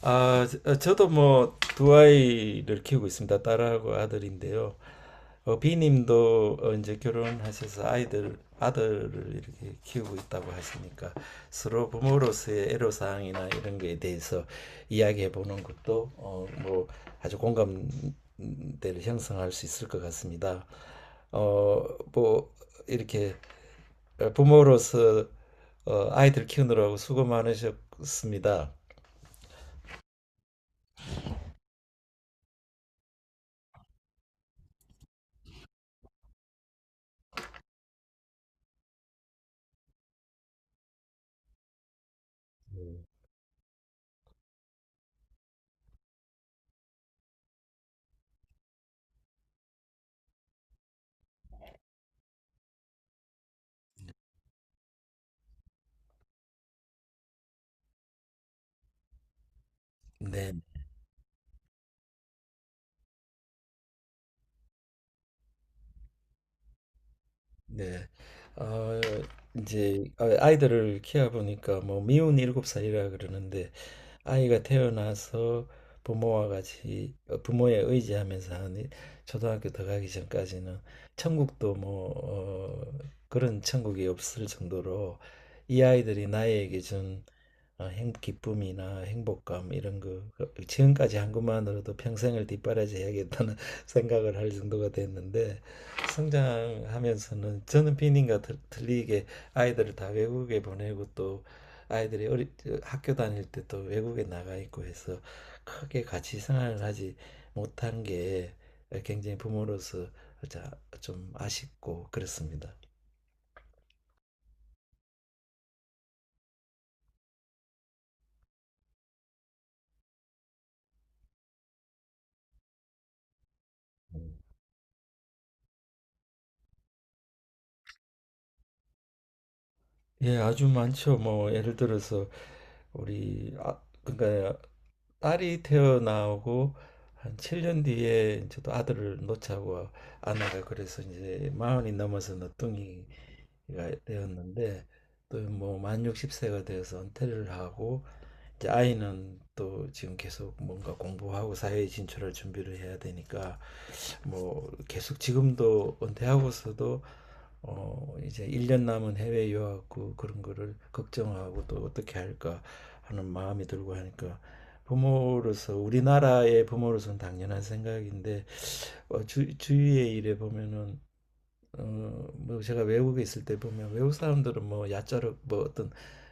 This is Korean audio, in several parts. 아, 저도 뭐 두 아이를 키우고 있습니다. 딸하고 아들인데요. B님도 이제 결혼하셔서 아들을 이렇게 키우고 있다고 하시니까 서로 부모로서의 애로사항이나 이런 거에 대해서 이야기해 보는 것도 뭐 아주 공감대를 형성할 수 있을 것 같습니다. 어, 뭐 이렇게 부모로서 아이들 키우느라고 수고 많으셨습니다. 네. 네. 어, 이제 아이들을 키워보니까 뭐 미운 일곱 살이라 그러는데 아이가 태어나서 부모와 같이 부모에 의지하면서 한 초등학교 들어가기 전까지는 천국도 뭐 그런 천국이 없을 정도로 이 아이들이 나에게 준 기쁨이나 행복감 이런 거 지금까지 한 것만으로도 평생을 뒷바라지해야겠다는 생각을 할 정도가 됐는데 성장하면서는 저는 비님과 리게 아이들을 다 외국에 보내고 또 아이들이 학교 다닐 때 또 외국에 나가 있고 해서 크게 같이 생활을 하지 못한 게 굉장히 부모로서 자- 좀 아쉽고 그렇습니다. 예, 아주 많죠. 뭐 예를 들어서 우리 그러니까 딸이 태어나고 한 7년 뒤에 저도 아들을 놓자고 아내가 그래서 이제 마흔이 넘어서 늦둥이가 되었는데 또 뭐 만 60세가 되어서 은퇴를 하고 이제 아이는 또 지금 계속 뭔가 공부하고 사회에 진출할 준비를 해야 되니까 뭐 계속 지금도 은퇴하고서도 이제 1년 남은 해외 유학 구 그런 거를 걱정하고 또 어떻게 할까 하는 마음이 들고 하니까 부모로서 우리나라의 부모로서는 당연한 생각인데 주위의 일에 보면은 뭐 제가 외국에 있을 때 보면 외국 사람들은 뭐 야자로 뭐 어떤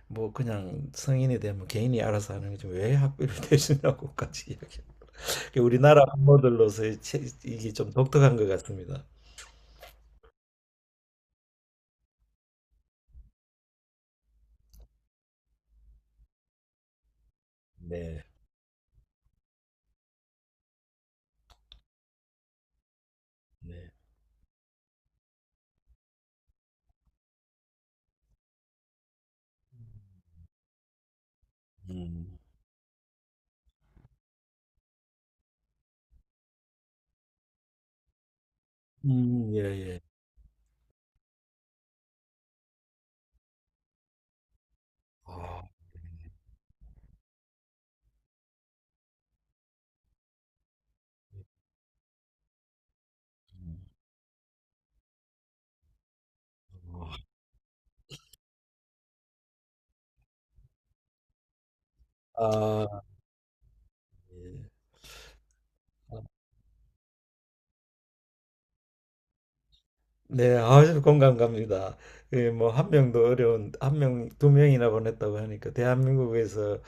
뭐 그냥 성인이 되면 개인이 알아서 하는 게좀왜 학비를 대주냐고까지 이야기 그 우리나라 한모들로서의 이게 좀 독특한 것 같습니다. 네, 네, 음, 예, 예. 아, 음, 어. 아, 예. 아, 네, 아주 공감 갑니다. 뭐 한 명도 어려운 한 명, 두 명이나 보냈다고 하니까 대한민국에서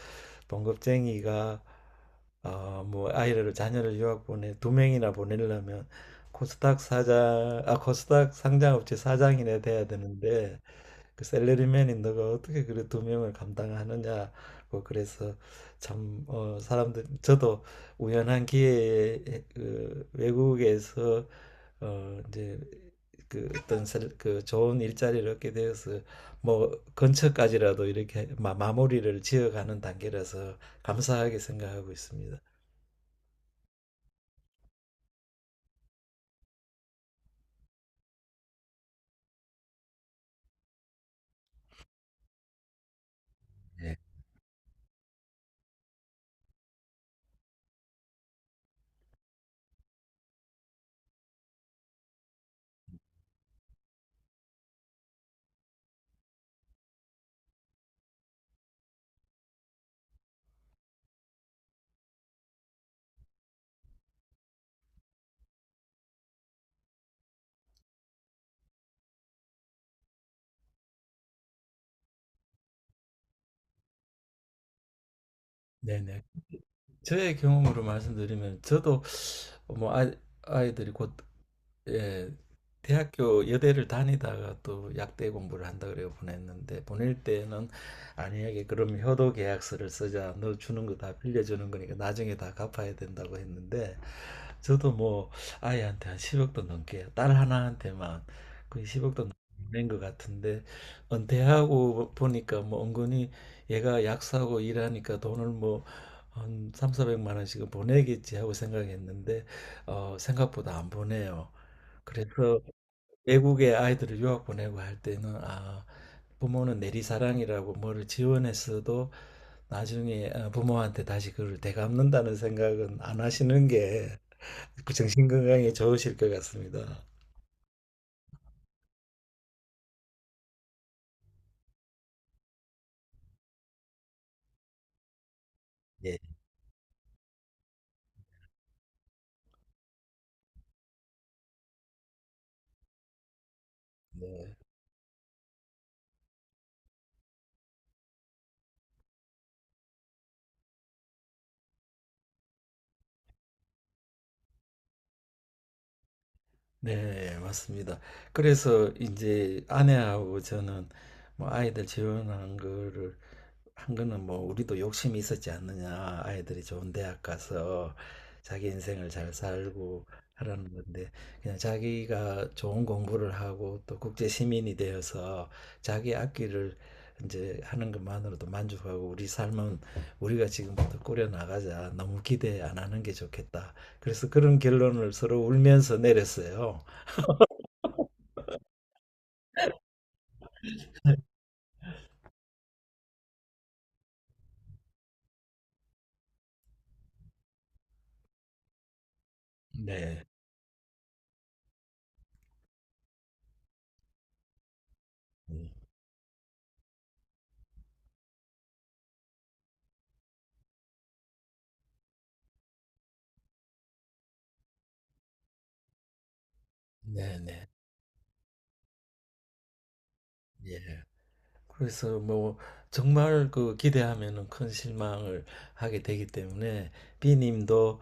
봉급쟁이가 뭐 아이를 자녀를 유학 보내 두 명이나 보내려면 코스닥 상장업체 사장이나 돼야 되는데 그 셀러리맨이 너가 어떻게 그래 두 명을 감당하느냐고 그래서 참 사람들 저도 우연한 기회에 그 외국에서 이제 그 어떤 그 좋은 일자리를 얻게 되어서 뭐 근처까지라도 이렇게 마무리를 지어가는 단계라서 감사하게 생각하고 있습니다. 네. 네네. 저의 경험으로 말씀드리면 저도 뭐 아이들이 곧 예, 대학교 여대를 다니다가 또 약대 공부를 한다 그래 보냈는데 보낼 때는 아니에게 그럼 효도 계약서를 쓰자, 너 주는 거 다 빌려주는 거니까 나중에 다 갚아야 된다고 했는데 저도 뭐 아이한테 한 10억도 넘게 딸 하나한테만 낸 것 같은데 은퇴하고 보니까 뭐 은근히 얘가 약사고 일하니까 돈을 뭐 한 3, 400만 원씩은 보내겠지 하고 생각했는데 생각보다 안 보내요. 그래서 외국에 아이들을 유학 보내고 할 때는 부모는 내리사랑이라고 뭐를 지원했어도 나중에 부모한테 다시 그걸 되갚는다는 생각은 안 하시는 게 정신 건강에 좋으실 것 같습니다. 예. 네. 네, 맞습니다. 그래서 이제 아내하고 저는 뭐 아이들 재혼한 거를 한 거는 뭐 우리도 욕심이 있었지 않느냐. 아이들이 좋은 대학 가서 자기 인생을 잘 살고 하라는 건데 그냥 자기가 좋은 공부를 하고 또 국제 시민이 되어서 자기 앞길을 이제 하는 것만으로도 만족하고 '우리 삶은 우리가 지금부터 꾸려 나가자. 너무 기대 안 하는 게 좋겠다.' 그래서 그런 결론을 서로 울면서 내렸어요. 네. 음. 네네. 예. 그래서 뭐 정말 그 기대하면은 큰 실망을 하게 되기 때문에 B님도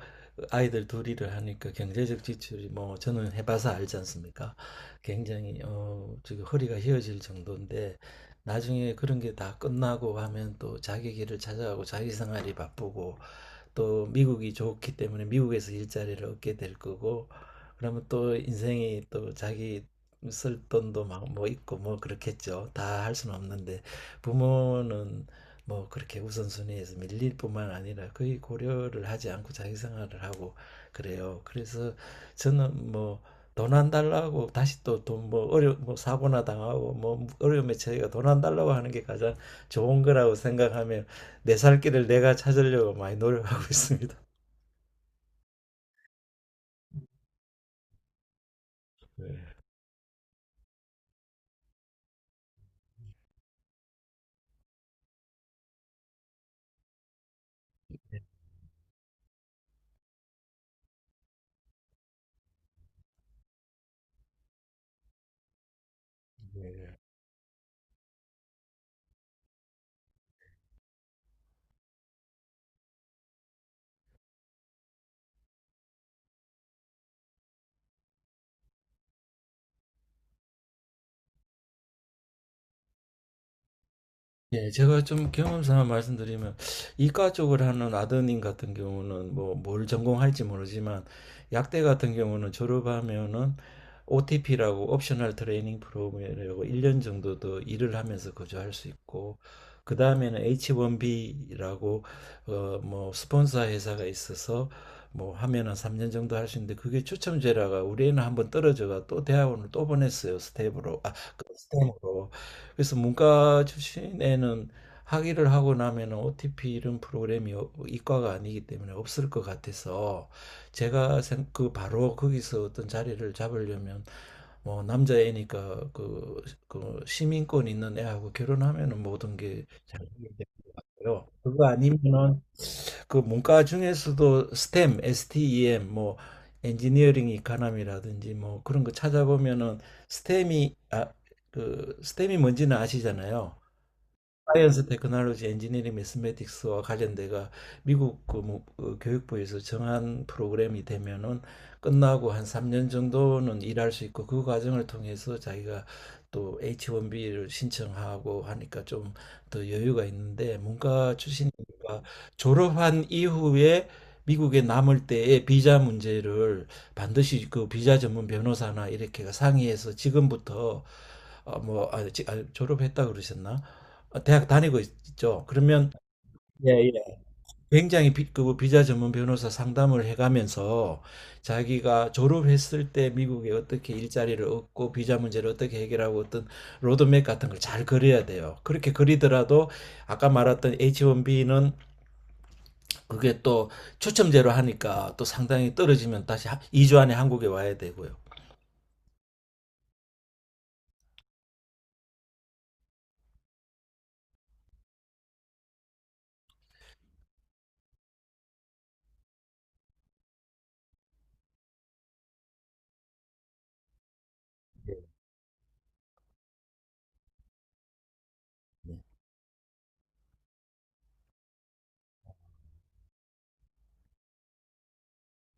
아이들 둘일를 하니까 경제적 지출이 뭐 저는 해봐서 알지 않습니까? 굉장히 지금 허리가 휘어질 정도인데 나중에 그런 게 다 끝나고 하면 또 자기 길을 찾아가고 자기 생활이 바쁘고 또 미국이 좋기 때문에 미국에서 일자리를 얻게 될 거고 그러면 또 인생이 또 자기 쓸 돈도 막 뭐 있고 뭐 그렇겠죠. 다 할 수는 없는데 부모는 뭐 그렇게 우선순위에서 밀릴 뿐만 아니라 거의 고려를 하지 않고 자기 생활을 하고 그래요. 그래서 저는 뭐 돈 안 달라고 다시 또 돈 뭐 어려 뭐 사고나 당하고 뭐 어려움에 처해가 돈 안 달라고 하는 게 가장 좋은 거라고 생각하며 내 살 길을 내가 찾으려고 많이 노력하고 있습니다. 네. 네. 예, 제가 좀 경험상 말씀드리면 이과 쪽을 하는 아드님 같은 경우는 뭐 뭘 전공할지 모르지만 약대 같은 경우는 졸업하면은 OTP라고 옵셔널 트레이닝 프로그램이라고 1년 정도 더 일을 하면서 거주할 수 있고 그 다음에는 H1B라고 뭐 스폰서 회사가 있어서 뭐 하면은 3년 정도 할 수 있는데 그게 추첨제라가 우리 애는 한번 떨어져가 또 대학원을 또 보냈어요. 스텝으로, 그 스텝으로. 그래서 문과 출신에는 학위를 하고 나면 OTP 이런 프로그램이 이과가 아니기 때문에 없을 것 같아서 제가 그 바로 거기서 어떤 자리를 잡으려면 뭐 남자애니까 그 시민권 있는 애하고 결혼하면은 모든 게잘 어려워. 그거 아니면은 그 문과 중에서도 STEM 뭐 엔지니어링 이카남이라든지 뭐 그런 거 찾아보면은 스템이 아, 그 스템이 뭔지는 아시잖아요. 사이언스 테크놀로지 엔지니어링 매스매틱스와 관련돼가 미국 그 뭐, 교육부에서 정한 프로그램이 되면은 끝나고 한 3년 정도는 일할 수 있고 그 과정을 통해서 자기가 또 H1B를 신청하고 하니까 좀 더 여유가 있는데 문과 출신이니까 졸업한 이후에 미국에 남을 때의 비자 문제를 반드시 그 비자 전문 변호사나 이렇게가 상의해서 지금부터 뭐 졸업했다 그러셨나? 대학 다니고 있죠. 그러면 예, 예. 굉장히 그 뭐 비자 전문 변호사 상담을 해가면서 자기가 졸업했을 때 미국에 어떻게 일자리를 얻고 비자 문제를 어떻게 해결하고 어떤 로드맵 같은 걸 잘 그려야 돼요. 그렇게 그리더라도 아까 말했던 H1B는 그게 또 추첨제로 하니까 또 상당히 떨어지면 다시 2주 안에 한국에 와야 되고요. 네.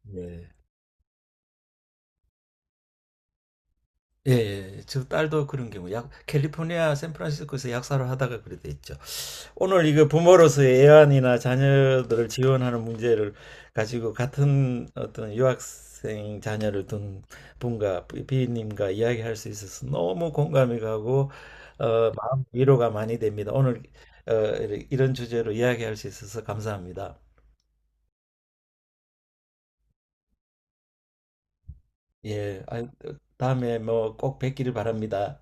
네. 예, 예. 저 딸도 그런 경우, 캘리포니아 샌프란시스코에서 약사를 하다가 그래 됐죠. 오늘 이거 부모로서의 애완이나 자녀들을 지원하는 문제를 가지고 같은 어떤 유학생 자녀를 둔 분과 비님과 이야기할 수 있어서 너무 공감이 가고, 어, 마음 위로가 많이 됩니다. 오늘, 어, 이런 주제로 이야기할 수 있어서 감사합니다. 예, 아, 다음에 뭐 꼭 뵙기를 바랍니다.